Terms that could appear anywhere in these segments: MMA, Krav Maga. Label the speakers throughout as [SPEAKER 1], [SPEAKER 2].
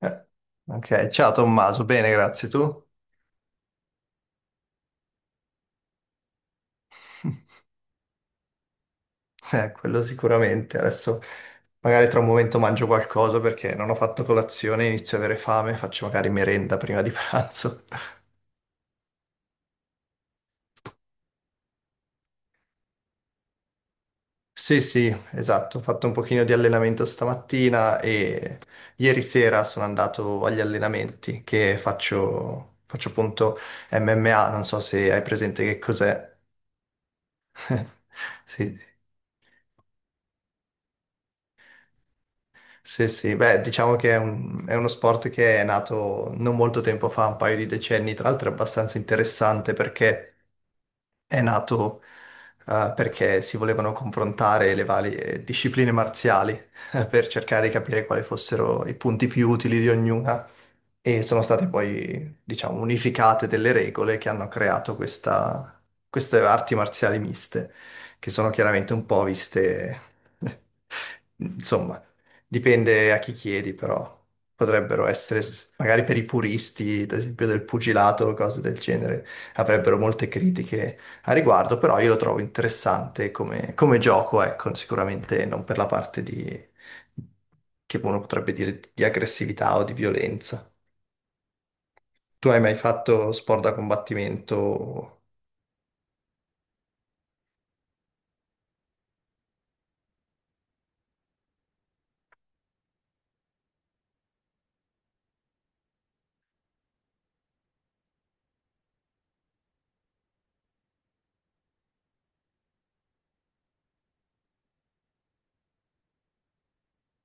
[SPEAKER 1] Eh, ok, ciao Tommaso, bene, grazie tu. Quello sicuramente. Adesso magari tra un momento mangio qualcosa perché non ho fatto colazione, inizio ad avere fame, faccio magari merenda prima di pranzo. Sì, sì, esatto, ho fatto un pochino di allenamento stamattina e ieri sera sono andato agli allenamenti che faccio appunto MMA, non so se hai presente che cos'è. Sì. Sì, sì, beh, diciamo che è uno sport che è nato non molto tempo fa, un paio di decenni, tra l'altro è abbastanza interessante perché è nato perché si volevano confrontare le varie discipline marziali, per cercare di capire quali fossero i punti più utili di ognuna, e sono state poi, diciamo, unificate delle regole che hanno creato queste arti marziali miste, che sono chiaramente un po' viste, insomma, dipende a chi chiedi, però potrebbero essere, magari per i puristi, ad esempio del pugilato o cose del genere, avrebbero molte critiche a riguardo, però io lo trovo interessante come gioco, ecco, sicuramente non per la parte di, che uno potrebbe dire di aggressività o di violenza. Tu hai mai fatto sport da combattimento?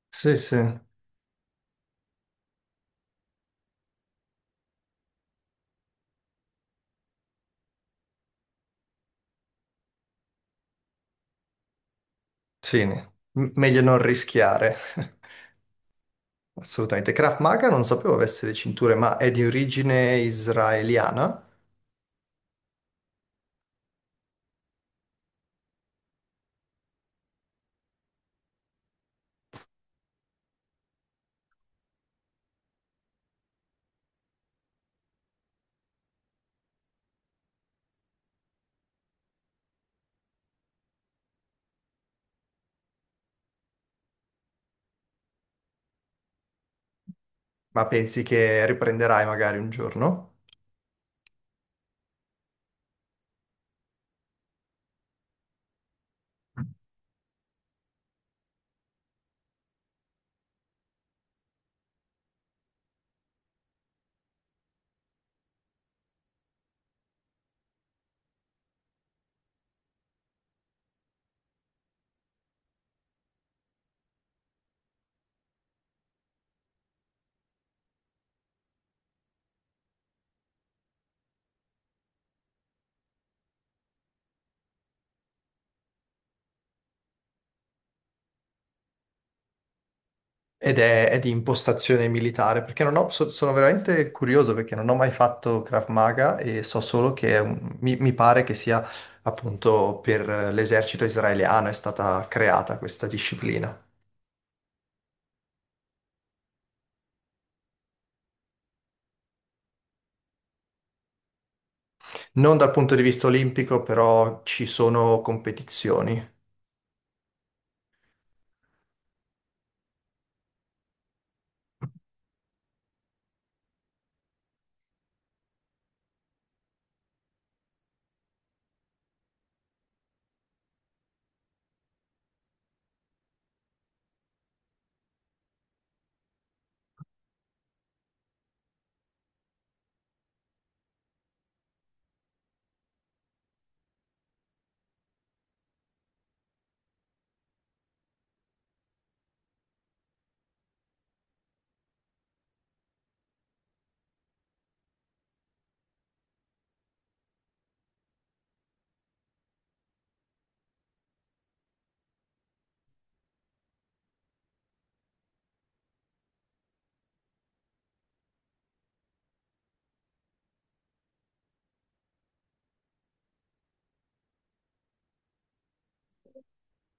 [SPEAKER 1] Sì, sì. Sì, meglio non rischiare. Assolutamente. Krav Maga non sapevo avesse le cinture, ma è di origine israeliana. Ma pensi che riprenderai magari un giorno? Ed è di impostazione militare, perché non ho- so- sono veramente curioso perché non ho mai fatto Krav Maga e so solo che mi pare che sia appunto per l'esercito israeliano è stata creata questa disciplina. Non dal punto di vista olimpico, però ci sono competizioni.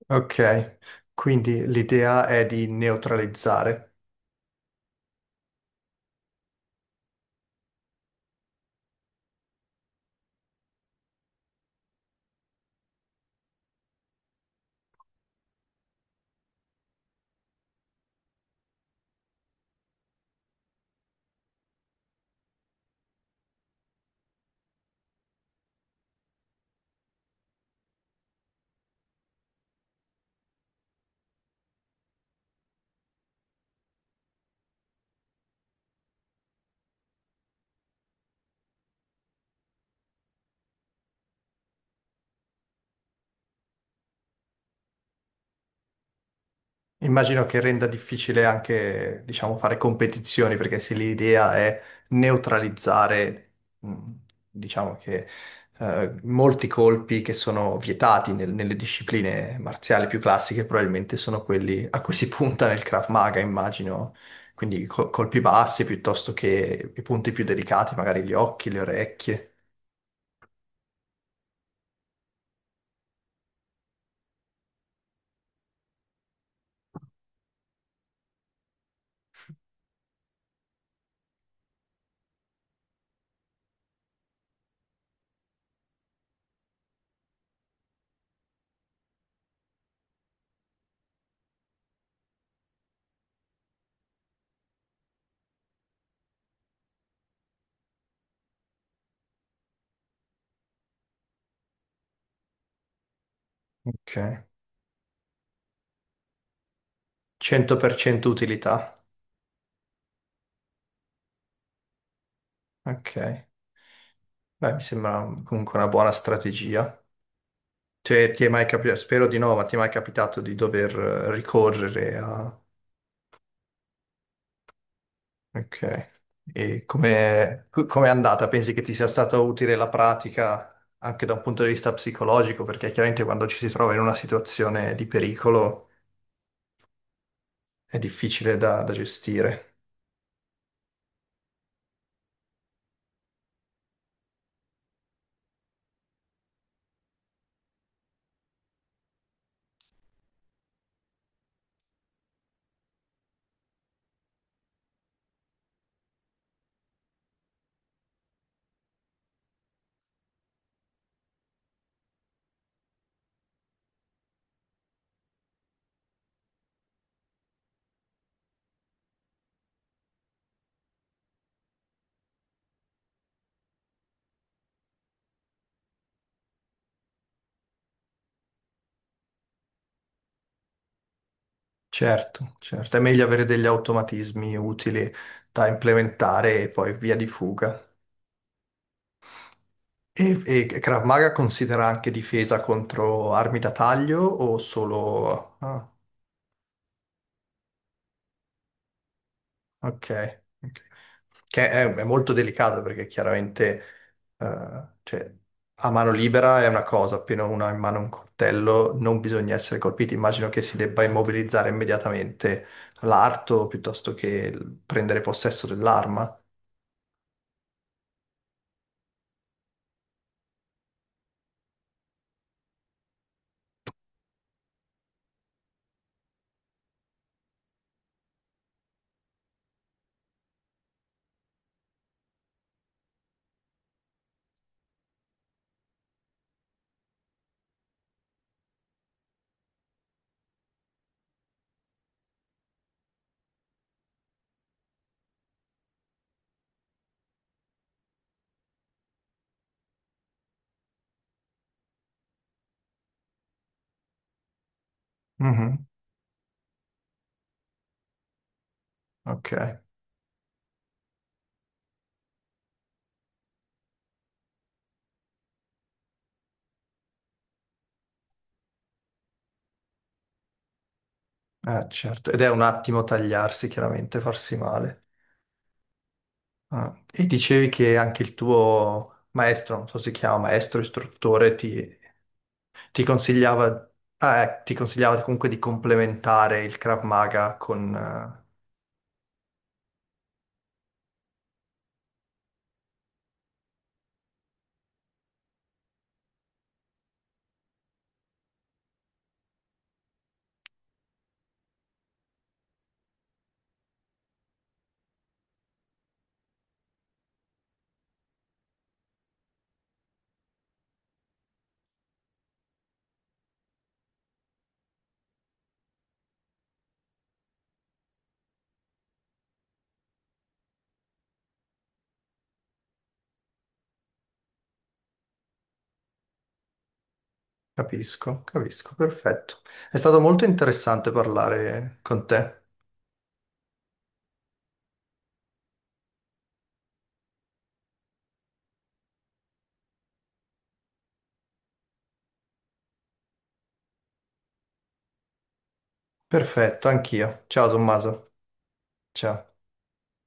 [SPEAKER 1] Ok, quindi l'idea è di neutralizzare. Immagino che renda difficile anche, diciamo, fare competizioni, perché se l'idea è neutralizzare, mh, diciamo che molti colpi che sono vietati nelle discipline marziali più classiche, probabilmente sono quelli a cui si punta nel Krav Maga, immagino. Quindi colpi bassi piuttosto che i punti più delicati, magari gli occhi, le orecchie. Ok. 100% utilità. Ok, beh, mi sembra comunque una buona strategia. Cioè, ti è mai capitato, spero di no, ma ti è mai capitato di dover ricorrere a... Ok. E come è andata? Pensi che ti sia stata utile la pratica anche da un punto di vista psicologico? Perché chiaramente quando ci si trova in una situazione di pericolo è difficile da gestire. Certo, certo, è meglio avere degli automatismi utili da implementare e poi via di fuga. E Krav Maga considera anche difesa contro armi da taglio o solo... ah. Ok. Ok, che è molto delicato perché chiaramente cioè, a mano libera è una cosa, appena uno ha in mano un coltello non bisogna essere colpiti. Immagino che si debba immobilizzare immediatamente l'arto piuttosto che prendere possesso dell'arma. Mhm. Ok, certo. Ed è un attimo tagliarsi, chiaramente, farsi male. Ah, e dicevi che anche il tuo maestro, non so se si chiama maestro, istruttore, ti... Ti consigliava, ti consigliava comunque di complementare il Krav Maga con... capisco, capisco, perfetto. È stato molto interessante parlare con te. Perfetto, anch'io. Ciao Tommaso. Ciao.